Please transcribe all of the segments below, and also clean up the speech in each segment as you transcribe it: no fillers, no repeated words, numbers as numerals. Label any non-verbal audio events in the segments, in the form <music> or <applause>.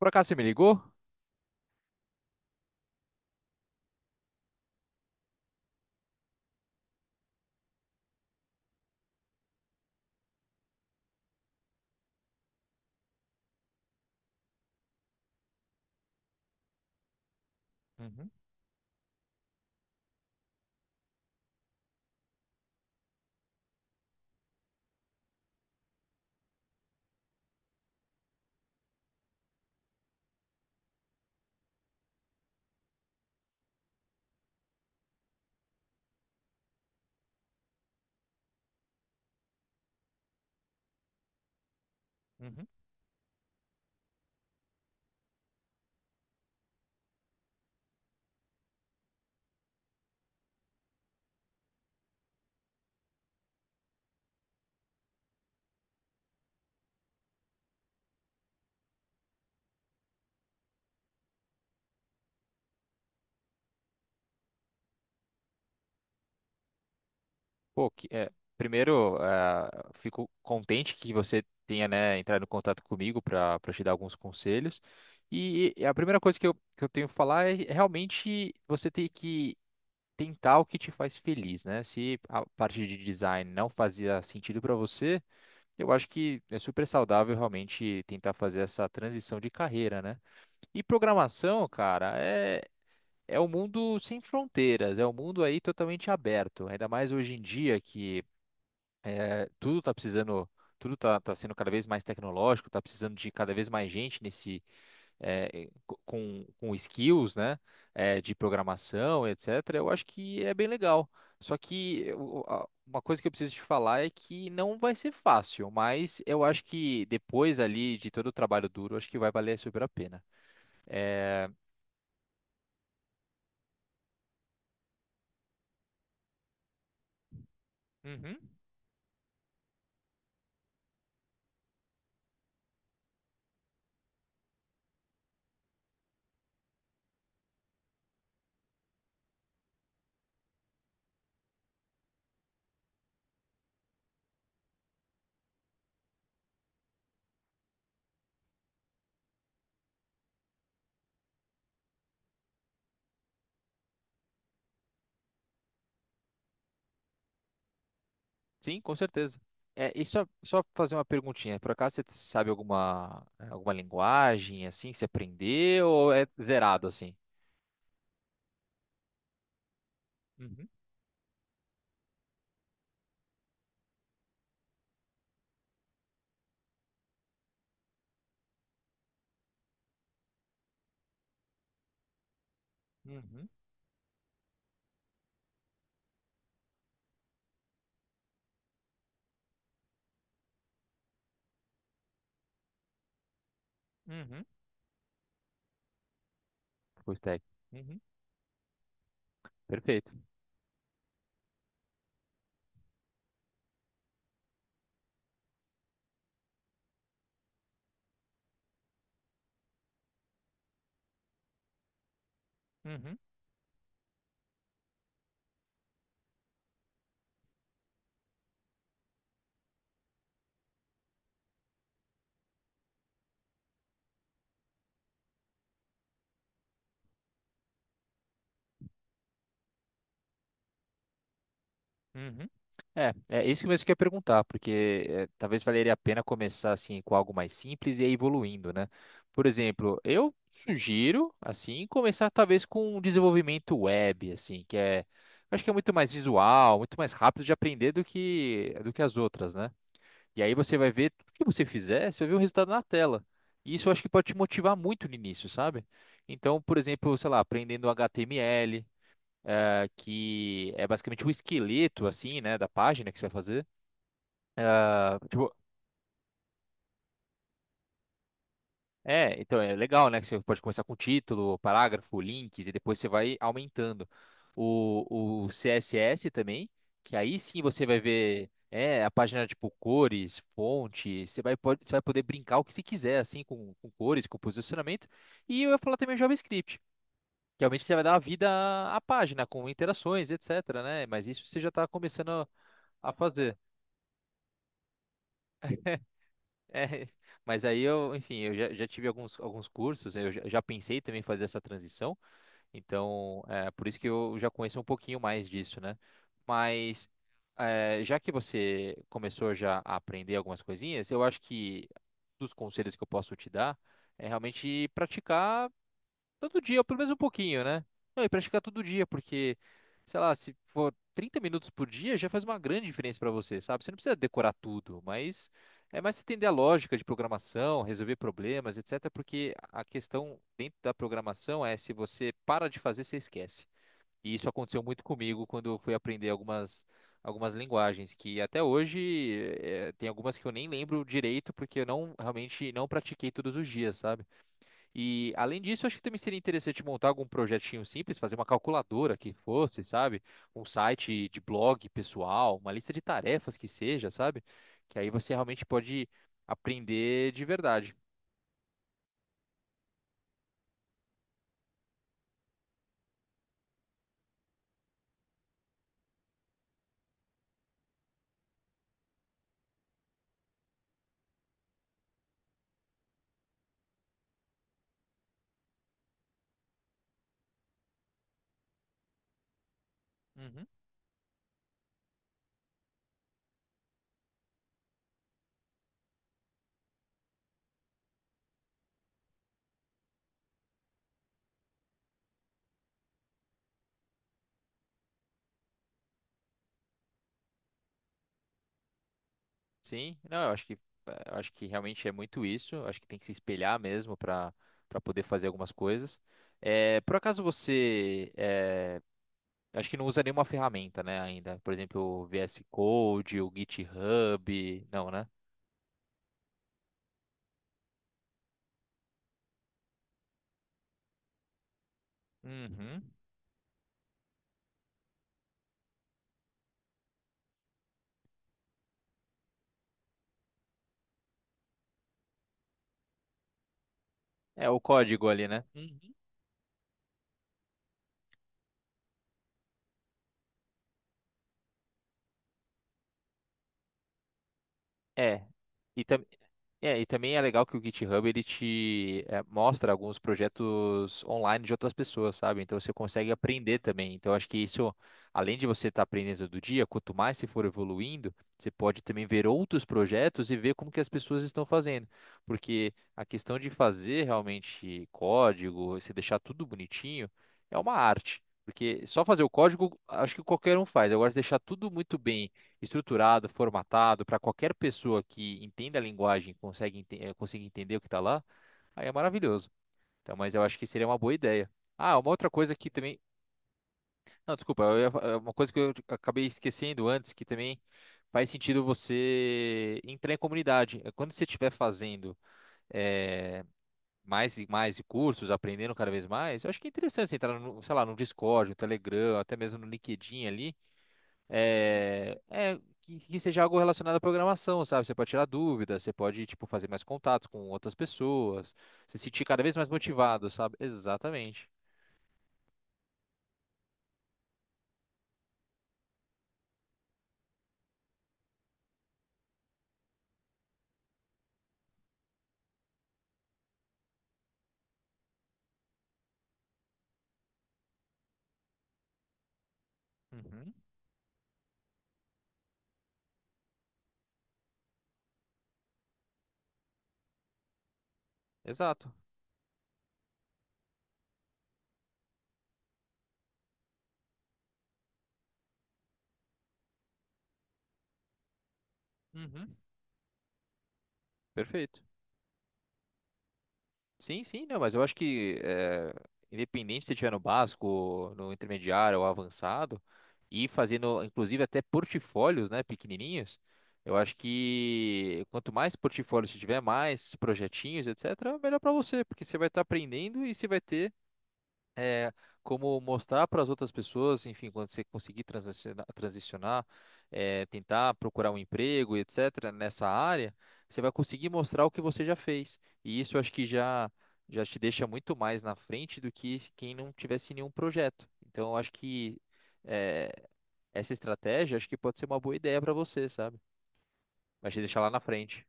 Por acaso você me ligou? Uhum, uhum. Pô, que, é, primeiro, ah, fico contente que você tenha, né, entrado em contato comigo para te dar alguns conselhos. E a primeira coisa que eu tenho que falar é realmente você ter que tentar o que te faz feliz, né? Se a parte de design não fazia sentido para você, eu acho que é super saudável realmente tentar fazer essa transição de carreira, né? E programação, cara, é um mundo sem fronteiras, é um mundo aí totalmente aberto, ainda mais hoje em dia que eh, tudo está precisando Tudo está sendo cada vez mais tecnológico, está precisando de cada vez mais gente nesse, com skills, né, de programação, etc., eu acho que é bem legal. Só que eu- a- uma coisa que eu preciso te falar é que não vai ser fácil, mas eu acho que depois ali de todo o trabalho duro, acho que vai valer super a pena. É, uhum, sim, com certeza. É, e só fazer uma perguntinha, por acaso você sabe alguma linguagem assim que você aprendeu ou é zerado assim? Uhum, uhum, uhum. Full stack. Uhum, perfeito. Uhum. Uhum. É isso que mesmo que eu ia perguntar, porque é, talvez valeria a pena começar assim com algo mais simples e ir evoluindo, né? Por exemplo, eu sugiro assim começar talvez com um desenvolvimento web, assim, que é, acho que é muito mais visual, muito mais rápido de aprender do que as outras, né? E aí você vai ver tudo que você fizer, você vai ver o resultado na tela. E isso eu acho que pode te motivar muito no início, sabe? Então, por exemplo, sei lá, aprendendo HTML, que é basicamente o esqueleto, assim, né, da página que você vai fazer. Ah, tipo, é, então é legal, né, que você pode começar com título, parágrafo, links, e depois você vai aumentando. O CSS também, que aí sim você vai ver, é, a página, tipo, cores, fonte, você vai poder brincar o que você quiser, assim, com cores, com posicionamento. E eu ia falar também o JavaScript, que realmente você vai dar uma vida à página, com interações, etc, né? Mas isso você já está começando a fazer. É, mas aí eu, enfim, eu já, já, tive alguns cursos, né, eu já pensei também em fazer essa transição, então é por isso que eu já conheço um pouquinho mais disso, né? Mas é, já que você começou já a aprender algumas coisinhas, eu acho que dos conselhos que eu posso te dar é realmente praticar todo dia, ou pelo menos um pouquinho, né? Não, e praticar todo dia, porque, sei lá, se for 30 minutos por dia, já faz uma grande diferença para você, sabe? Você não precisa decorar tudo, mas é mais você entender a lógica de programação, resolver problemas, etc. Porque a questão dentro da programação é se você para de fazer, você esquece. E isso aconteceu muito comigo quando eu fui aprender algumas linguagens, que até hoje tem algumas que eu nem lembro direito, porque eu não realmente não pratiquei todos os dias, sabe? E além disso, acho que também seria interessante montar algum projetinho simples, fazer uma calculadora que fosse, sabe? Um site de blog pessoal, uma lista de tarefas que seja, sabe? Que aí você realmente pode aprender de verdade. Uhum. Sim, não, eu acho que realmente é muito isso. Eu acho que tem que se espelhar mesmo para poder fazer algumas coisas. É, por acaso você é, acho que não usa nenhuma ferramenta, né, ainda? Por exemplo, o VS Code, o GitHub, não, né? Uhum. É o código ali, né? Uhum. É. E, tam- e também é legal que o GitHub ele te mostra alguns projetos online de outras pessoas, sabe? Então você consegue aprender também. Então acho que isso, além de você estar aprendendo todo dia, quanto mais você for evoluindo, você pode também ver outros projetos e ver como que as pessoas estão fazendo. Porque a questão de fazer realmente código, você deixar tudo bonitinho, é uma arte. Porque só fazer o código, acho que qualquer um faz. Agora, se deixar tudo muito bem estruturado, formatado, para qualquer pessoa que entenda a linguagem e consiga entender o que está lá, aí é maravilhoso. Então, mas eu acho que seria uma boa ideia. Ah, uma outra coisa que também. Não, desculpa, eu ia fa- eh, uma coisa que eu acabei esquecendo antes, que também faz sentido você entrar em comunidade. Quando você estiver fazendo eh, mais e mais cursos, aprendendo cada vez mais, eu acho que é interessante você entrar no, sei lá, no Discord, no Telegram, até mesmo no LinkedIn ali que seja algo relacionado à programação, sabe? Você pode tirar dúvidas, você pode, tipo, fazer mais contatos com outras pessoas, se sentir cada vez mais motivado, sabe? Exatamente. Uhum, exato. Uhum, perfeito. Sim, sim, não, mas eu acho que independente se estiver no básico, no intermediário ou avançado, e fazendo, inclusive, até portfólios, né, pequenininhos, eu acho que quanto mais portfólios você tiver, mais projetinhos, etc., melhor para você, porque você vai estar aprendendo e você vai ter é, como mostrar para as outras pessoas, enfim, quando você conseguir transicionar, transicionar, tentar procurar um emprego, etc., nessa área, você vai conseguir mostrar o que você já fez. E isso eu acho que já, te deixa muito mais na frente do que quem não tivesse nenhum projeto. Então, eu acho que é, essa estratégia acho que pode ser uma boa ideia para você, sabe? Vai te deixar lá na frente,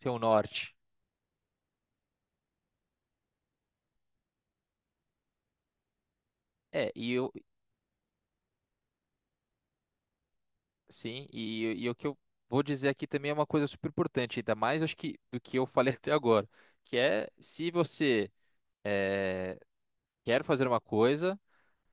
ser um norte. É. Sim, e o que eu vou dizer aqui também é uma coisa super importante, ainda mais acho que do que eu falei <laughs> até agora, que é se você eh, quer fazer uma coisa,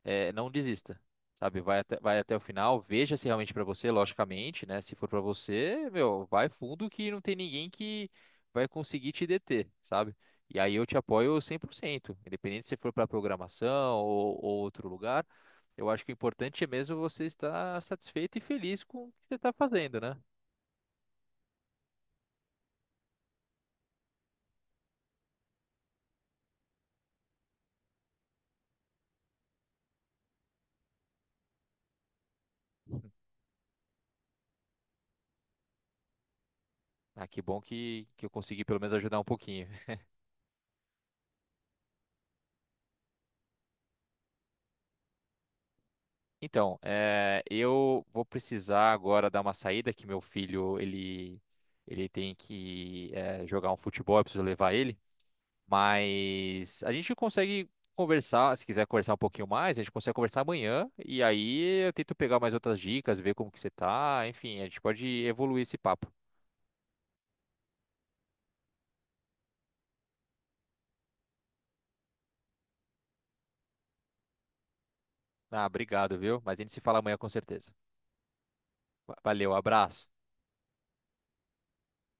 não desista, sabe? Vai até o final, veja se realmente para você, logicamente, né? Se for para você, meu, vai fundo que não tem ninguém que vai conseguir te deter, sabe? E aí eu te apoio 100%, independente se for para programação ou, outro lugar. Eu acho que o importante é mesmo você estar satisfeito e feliz com o que você está fazendo, né? <laughs> Ah, que bom que, eu consegui pelo menos ajudar um pouquinho. Então, eu vou precisar agora dar uma saída, que meu filho, ele tem que jogar um futebol, eu preciso levar ele, mas a gente consegue conversar, se quiser conversar um pouquinho mais, a gente consegue conversar amanhã, e aí eu tento pegar mais outras dicas, ver como que você tá, enfim, a gente pode evoluir esse papo. Ah, obrigado, viu? Mas a gente se fala amanhã com certeza. Valeu, abraço.